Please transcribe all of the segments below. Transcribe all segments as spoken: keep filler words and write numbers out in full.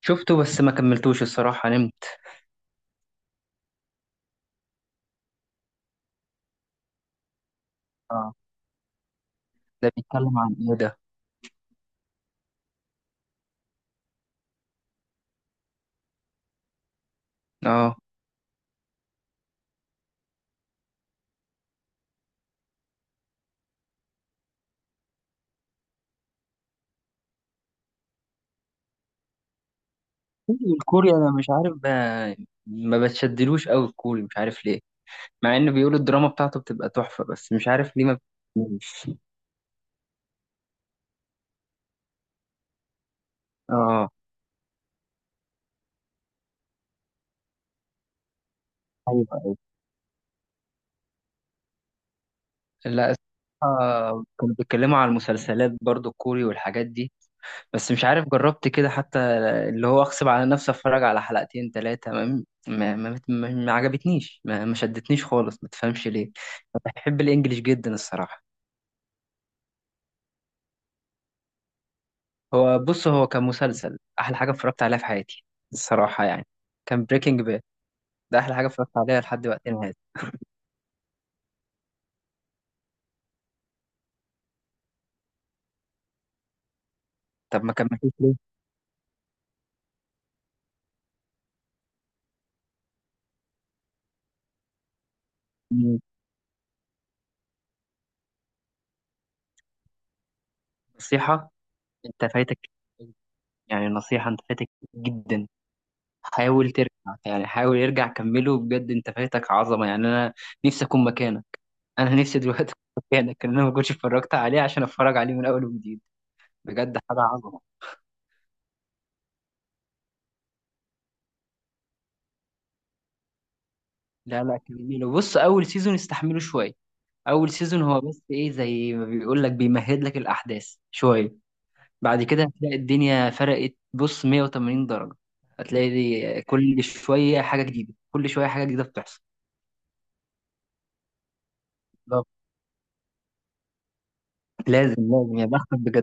شفته بس ما كملتوش الصراحة، نمت. اه. ده بيتكلم عن ايه ده؟ اه، الكوري انا مش عارف بقى، ما بتشدلوش قوي الكوري، مش عارف ليه، مع ان بيقولوا الدراما بتاعته بتبقى تحفة، بس مش عارف ليه ما بتشدنيش. اه، ايوه ايوه، لا. الصراحة كانوا بيتكلموا على المسلسلات برضو الكوري والحاجات دي، بس مش عارف جربت كده حتى. اللي هو اغصب على نفسي اتفرج على حلقتين ثلاثه، ما ما ما, ما ما عجبتنيش، ما, ما شدتنيش خالص، ما تفهمش ليه. بحب الانجليش جدا الصراحه. هو بص، هو كان مسلسل احلى حاجه اتفرجت عليها في حياتي الصراحه يعني. كان بريكنج باد. ده احلى حاجه اتفرجت عليها لحد وقتنا هذا. طب ما كملتوش ليه؟ نصيحه، انت فايتك. يعني نصيحه، انت فايتك جدا. حاول ترجع. يعني حاول يرجع، كمله بجد، انت فايتك عظمه يعني. انا نفسي اكون مكانك. انا نفسي دلوقتي اكون مكانك ان انا ما كنتش اتفرجت عليه عشان اتفرج عليه من اول وجديد. بجد حاجه عظمه. لا لا، كمله. بص اول سيزون استحمله شويه. اول سيزون هو بس ايه، زي ما بيقول لك، بيمهد لك الاحداث شويه. بعد كده هتلاقي الدنيا فرقت بص مئة وثمانين درجه. هتلاقي دي كل شويه حاجه جديده، كل شويه حاجه جديده بتحصل. بالظبط. لازم لازم، يا بختك بجد.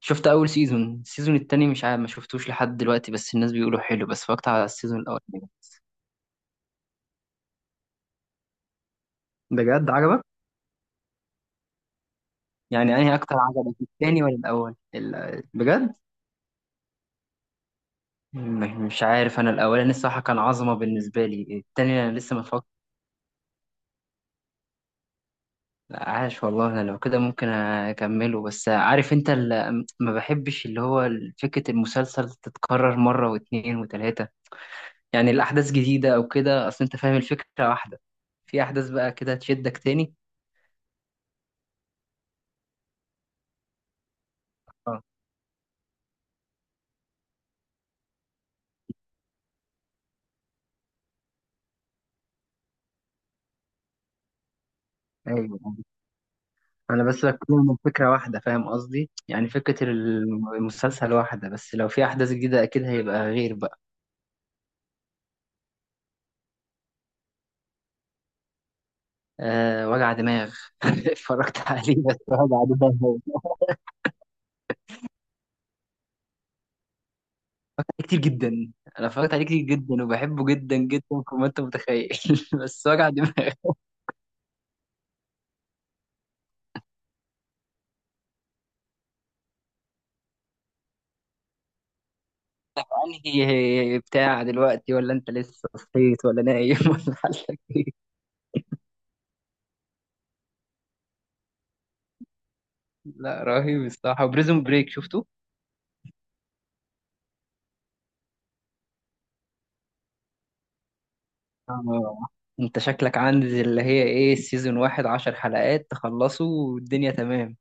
شفت اول سيزون، السيزون التاني مش عارف، ما شفتوش لحد دلوقتي، بس الناس بيقولوا حلو، بس فكت على السيزون الاول. بجد عجبك؟ يعني انهي اكتر عجبك، التاني ولا الاول ال- بجد؟ م- مش عارف انا الاولاني الصراحه كان عظمه بالنسبه لي، التاني انا لسه ما اتفرجت. عاش والله انا لو كده ممكن اكمله، بس عارف انت ال- ما بحبش اللي هو فكره المسلسل تتكرر مره واتنين وتلاته، يعني الاحداث جديده او كده، اصل انت فاهم الفكره واحده. في احداث بقى كده تشدك تاني. اه ايوه. انا بس بتكلم من فكره واحده فاهم قصدي، يعني فكره الم- المسلسل واحده، بس لو في احداث جديده اكيد هيبقى غير بقى. أه، وجع دماغ. اتفرجت عليه بس وجع دماغ. كتير جدا. انا اتفرجت عليه كتير جدا وبحبه جدا جدا كما انت متخيل. بس وجع دماغ. انهي بتاع دلوقتي ولا انت لسه صحيت ولا نايم ولا حالك؟ لا، رهيب الصراحه. وبريزون بريك شفته. آه. انت شكلك عندي اللي هي ايه، سيزون واحد عشر حلقات تخلصه والدنيا تمام.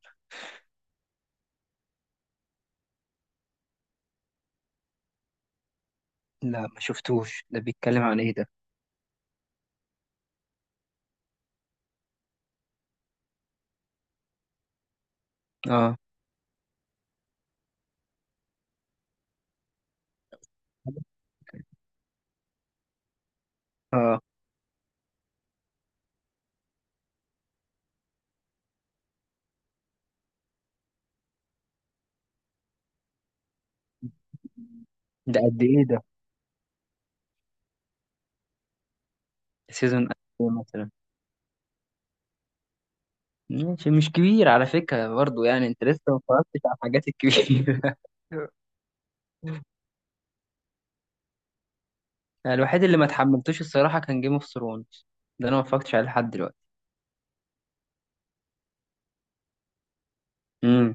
لا ما شفتوش، ده بيتكلم عن ايه ده؟ اه. اه، ده قد ايه ده؟ سيزون قد ايه مثلا؟ ماشي، مش كبير على فكرة برضو يعني، انت لسه ما اتفرجتش على الحاجات الكبيرة. الوحيد اللي ما اتحملتوش الصراحة كان جيم اوف ثرونز. ده انا ما اتفرجتش عليه لحد دلوقتي. امم.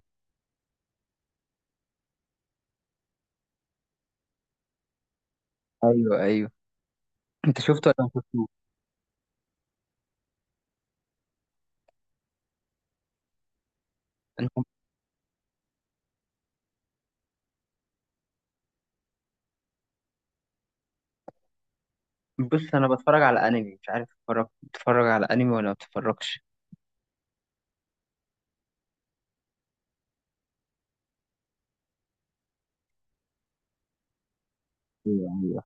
ايوه ايوه. انت شفته ولا ما شفتوش؟ أنا- بص انا بتفرج على انمي، مش عارف اتفرج، بتتفرج على انمي ولا ما بتتفرجش؟ ايوه ايوه.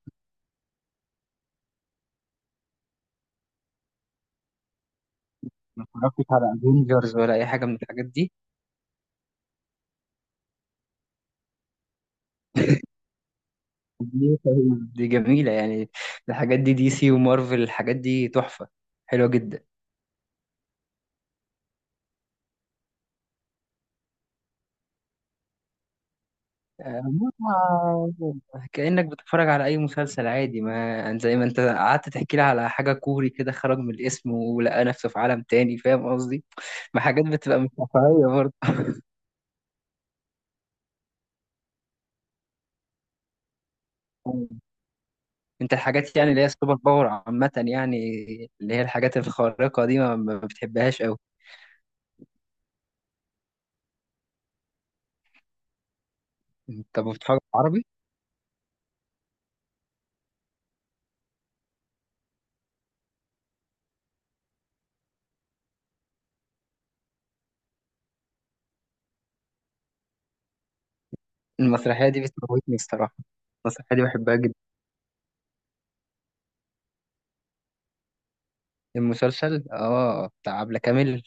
ما اتفرجتش على افنجرز ولا اي حاجه من الحاجات دي. دي دي جميله يعني. الحاجات دي دي سي ومارفل، الحاجات دي تحفه، حلوه جدا. آه، ما- كانك بتتفرج على اي مسلسل عادي، ما يعني زي ما انت قعدت تحكي لي على حاجه كوري كده، خرج من الاسم ولقى نفسه في عالم تاني فاهم قصدي، ما حاجات بتبقى مش واقعيه برضه. انت الحاجات يعني اللي هي السوبر باور عامه يعني، اللي هي الحاجات الخارقه دي ما ما بتحبهاش قوي. انت بتتفرج عربي؟ المسرحية دي بتموتني الصراحة. المسرحية دي بحبها جدا. المسلسل اه بتاع عبلة كامل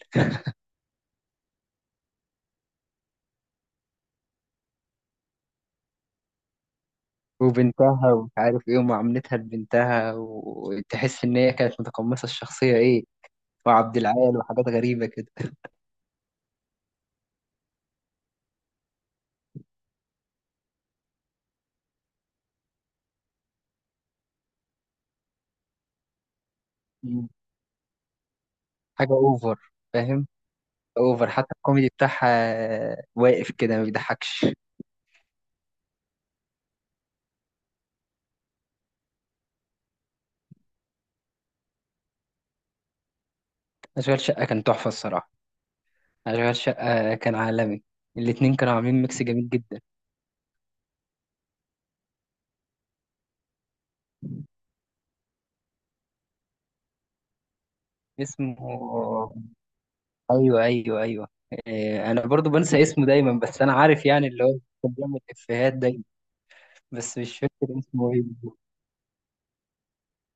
وبنتها ومش عارف ايه، ومعاملتها لبنتها، وتحس ان هي كانت متقمصة الشخصية ايه، وعبد العال وحاجات غريبة كده. مم. حاجة اوفر فاهم. اوفر، حتى الكوميدي بتاعها واقف كده ما بيضحكش. اشغال شقة كان تحفة الصراحة. اشغال شقة كان عالمي. الاتنين كانوا عاملين ميكس جميل جدا. اسمه، ايوه ايوه ايوه، إيه، انا برضو بنسى اسمه دايما، بس انا عارف يعني اللي هو كان بيعمل افيهات دايما. بس مش فاكر اسمه ايه.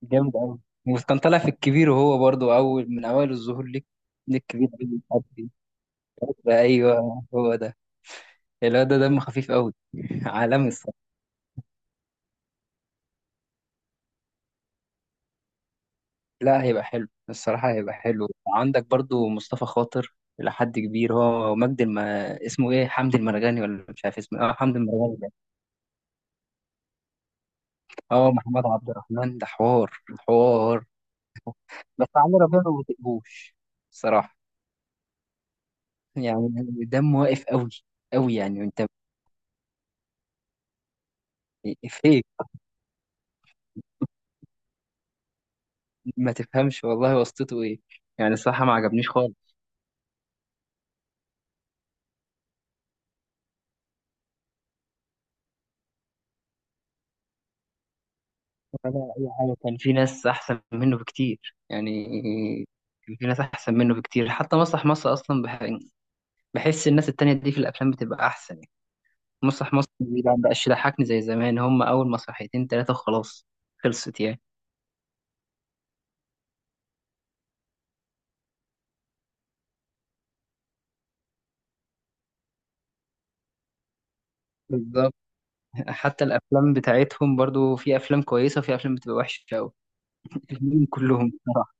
جامد قوي. وكان طالع في الكبير، وهو برضو اول من اوائل الظهور ليك. الكبير أوي، مش عارف إيه. ايوه هو ده. اللي هو ده دم خفيف قوي. عالمي الصراحه. لا هيبقى حلو الصراحه، هيبقى حلو. عندك برضو مصطفى خاطر، إلى حد كبير هو مجد الم... اسمه ايه، حمدي المرغني، ولا مش عارف اسمه إيه؟ اه حمدي المرغني ده. اه محمد عبد الرحمن ده حوار. حوار. بس علي ربيع ما بطيقهوش صراحة يعني، دمه واقف قوي، قوي يعني انت فيك، ما تفهمش والله واسطته ايه يعني، الصراحة ما عجبنيش خالص، ولا اي حاجة. كان في ناس احسن منه بكتير يعني، كان في ناس احسن منه بكتير، حتى مسرح مصر اصلا بح... بحس الناس التانية دي في الافلام بتبقى احسن يعني. مسرح مصر ما بقاش يضحكني زي زمان، هم اول مسرحيتين تلاتة وخلاص، خلصت يعني. بالظبط. حتى الافلام بتاعتهم برضو، في افلام كويسة وفي افلام بتبقى وحشة قوي. الاتنين كلهم بصراحة.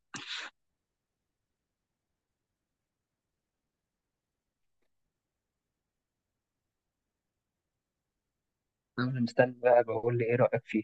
أنا مستني بقى بقول لي إيه رأيك فيه.